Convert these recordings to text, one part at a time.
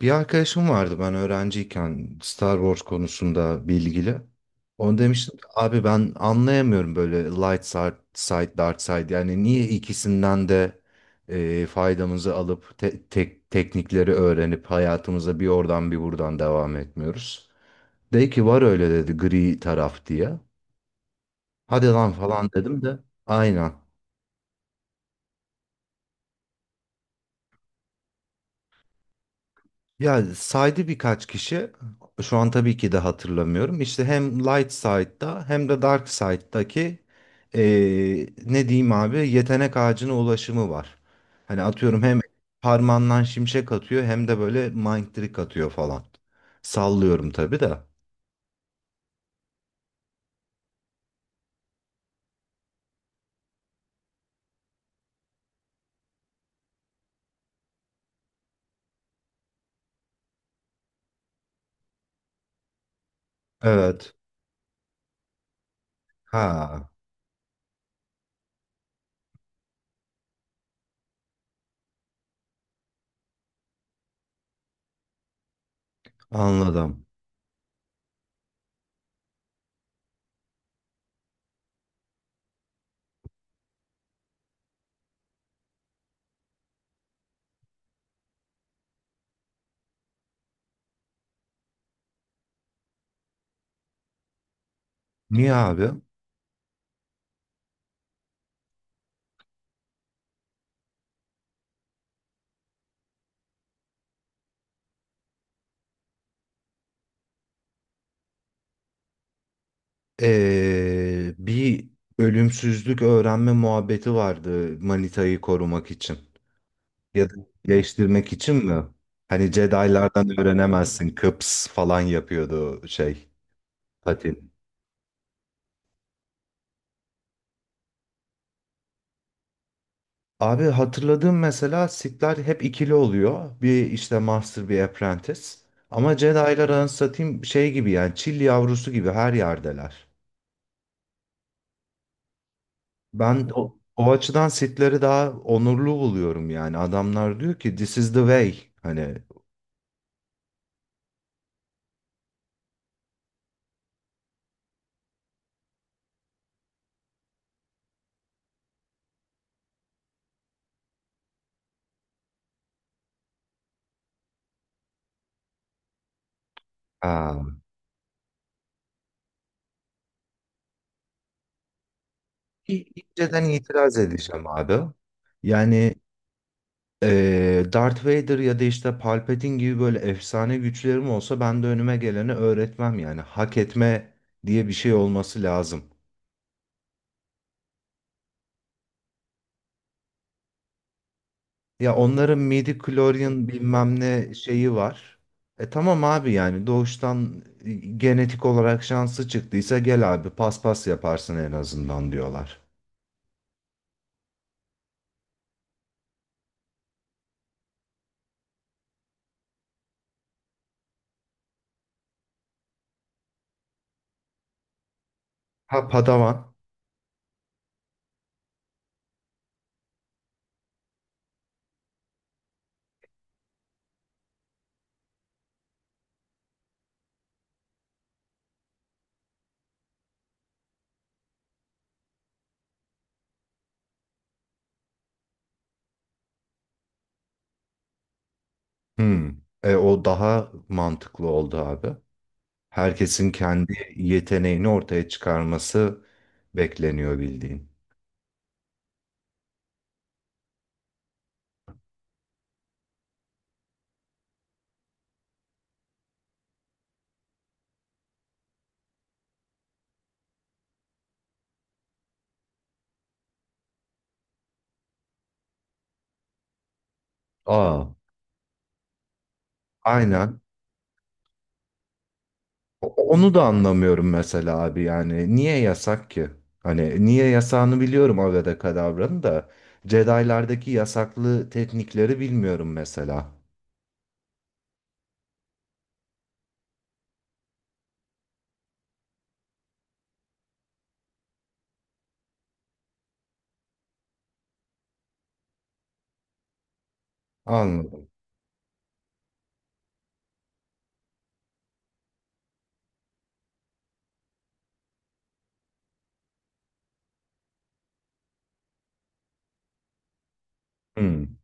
Bir arkadaşım vardı ben öğrenciyken Star Wars konusunda bilgili. Onu demiştim, abi ben anlayamıyorum böyle light side, side dark side, yani niye ikisinden de faydamızı alıp tek teknikleri öğrenip hayatımıza bir oradan bir buradan devam etmiyoruz. De ki var öyle, dedi, gri taraf diye. Hadi lan falan dedim de aynen. Yani saydı birkaç kişi. Şu an tabii ki de hatırlamıyorum. İşte hem Light Side'da hem de Dark Side'daki ne diyeyim abi, yetenek ağacına ulaşımı var. Hani atıyorum hem parmağından şimşek atıyor hem de böyle mind trick atıyor falan. Sallıyorum tabii de. Evet. Ha, anladım. Niye abi? Bir ölümsüzlük öğrenme muhabbeti vardı, manitayı korumak için. Ya da değiştirmek için mi? Hani Jedi'lardan öğrenemezsin. Kıps falan yapıyordu şey, Patin. Abi hatırladığım, mesela Sith'ler hep ikili oluyor. Bir işte Master, bir Apprentice. Ama Jedi'lar, anlatayım şey gibi, yani çil yavrusu gibi her yerdeler. Ben o, o açıdan Sith'leri daha onurlu buluyorum yani. Adamlar diyor ki this is the way. Hani, aa. İnceden itiraz edeceğim abi. Yani, Darth Vader ya da işte Palpatine gibi böyle efsane güçlerim olsa ben de önüme geleni öğretmem yani. Hak etme diye bir şey olması lazım. Ya onların midi-chlorian bilmem ne şeyi var. E tamam abi, yani doğuştan genetik olarak şansı çıktıysa, gel abi paspas yaparsın en azından diyorlar. Ha, Padawan. Hmm. E, o daha mantıklı oldu abi. Herkesin kendi yeteneğini ortaya çıkarması bekleniyor bildiğin. Aa, aynen. Onu da anlamıyorum mesela abi yani. Niye yasak ki? Hani niye yasağını biliyorum Avada Kedavra'nın da. Jedi'lardaki yasaklı teknikleri bilmiyorum mesela. Anladım. Hmm,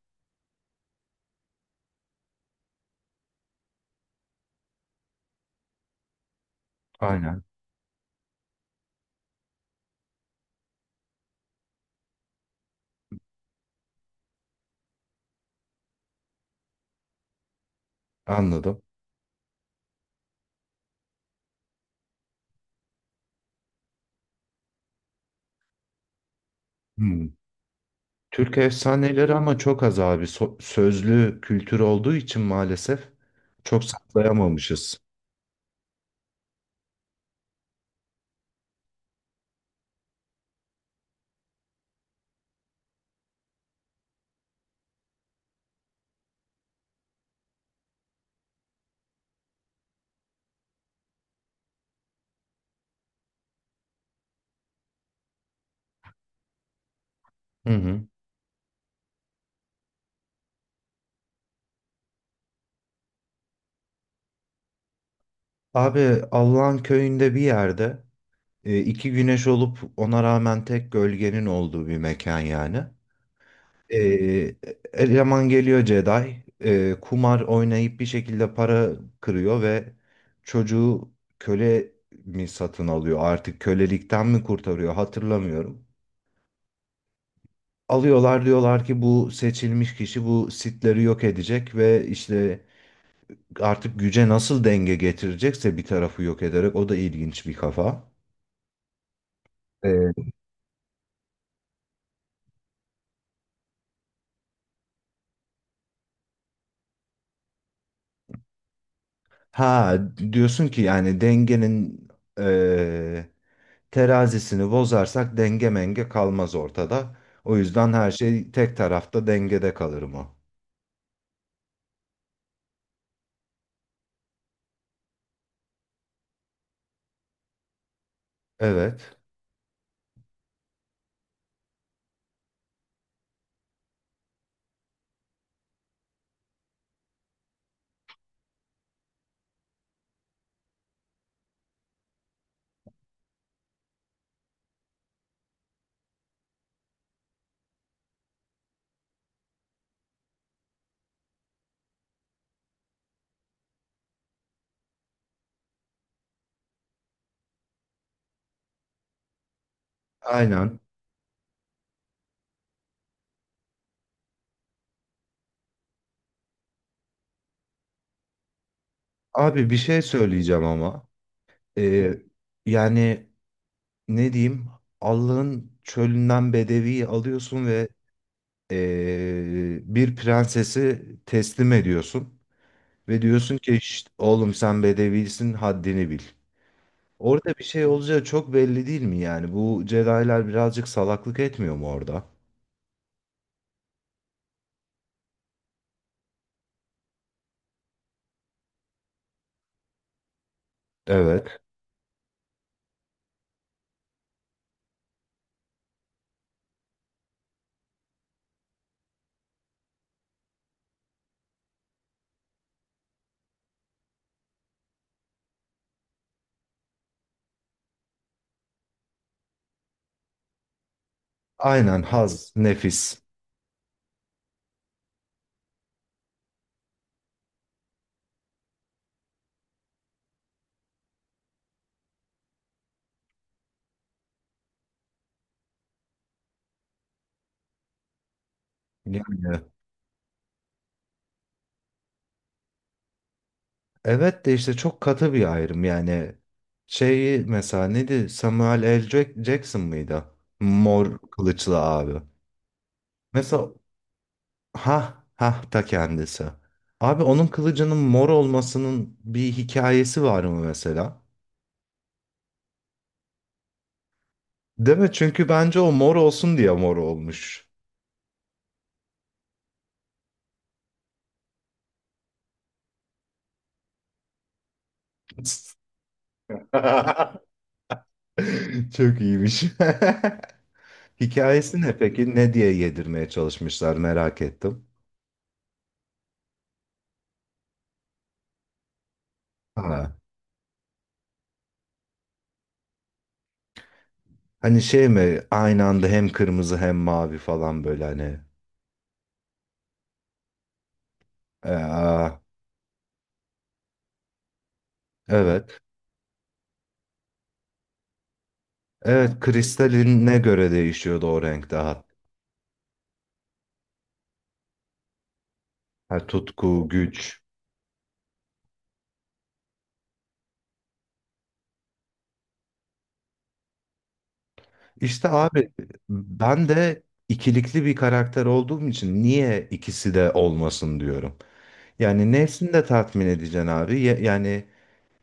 aynen. Anladım. Hmm. Türk efsaneleri ama çok az abi. Sözlü kültür olduğu için maalesef çok saklayamamışız. Hı hı. Abi Allah'ın köyünde bir yerde, e, iki güneş olup ona rağmen tek gölgenin olduğu bir mekan yani. E, eleman geliyor Jedi. Kumar oynayıp bir şekilde para kırıyor ve çocuğu köle mi satın alıyor, artık kölelikten mi kurtarıyor, hatırlamıyorum. Alıyorlar, diyorlar ki bu seçilmiş kişi bu sitleri yok edecek ve işte artık güce nasıl denge getirecekse, bir tarafı yok ederek, o da ilginç bir kafa. Ha, diyorsun ki yani dengenin eee, terazisini bozarsak denge menge kalmaz ortada. O yüzden her şey tek tarafta dengede kalır mı? Evet. Aynen. Abi bir şey söyleyeceğim ama. Eee, Yani ne diyeyim? Allah'ın çölünden bedeviyi alıyorsun ve bir prensesi teslim ediyorsun. Ve diyorsun ki "Şşt, oğlum sen bedevisin, haddini bil." Orada bir şey olacağı çok belli değil mi yani? Bu Jedi'lar birazcık salaklık etmiyor mu orada? Evet. Aynen, haz, nefis. Yani evet, de işte çok katı bir ayrım yani. Şeyi mesela neydi? Samuel L. Jackson mıydı? Mor kılıçlı abi. Mesela, ha ha, ta kendisi. Abi onun kılıcının mor olmasının bir hikayesi var mı mesela? Değil mi? Çünkü bence o mor olsun diye mor olmuş. Çok iyiymiş. Hikayesi ne peki? Ne diye yedirmeye çalışmışlar, merak ettim. Ha. Hani şey mi, aynı anda hem kırmızı hem mavi falan böyle hani. Aa. Evet. Evet, kristaline göre değişiyordu o renk daha. Ha, tutku, güç. İşte abi ben de ikilikli bir karakter olduğum için niye ikisi de olmasın diyorum. Yani nefsini de tatmin edeceksin abi. Yani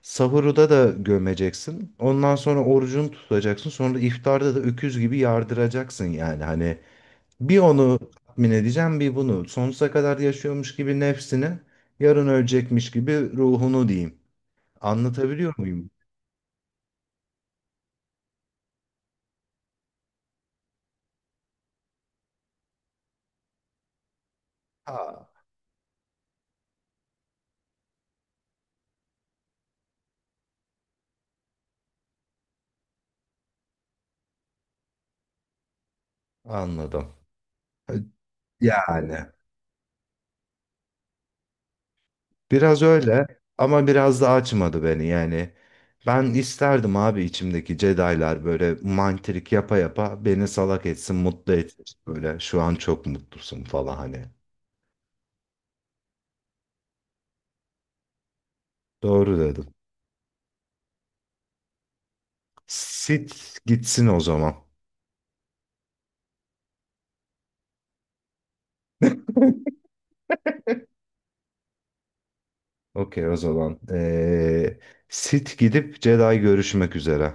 sahurda da gömeceksin. Ondan sonra orucunu tutacaksın. Sonra da iftarda da öküz gibi yardıracaksın yani. Hani bir onu tatmin edeceğim, bir bunu. Sonsuza kadar yaşıyormuş gibi nefsini, yarın ölecekmiş gibi ruhunu diyeyim. Anlatabiliyor muyum? Ha, anladım. Yani. Biraz öyle ama biraz da açmadı beni yani. Ben isterdim abi içimdeki Jedi'lar böyle mantrik yapa yapa beni salak etsin, mutlu etsin. Böyle şu an çok mutlusun falan hani. Doğru dedim. Sith gitsin o zaman. Okey o zaman. Sith gidip Jedi, görüşmek üzere.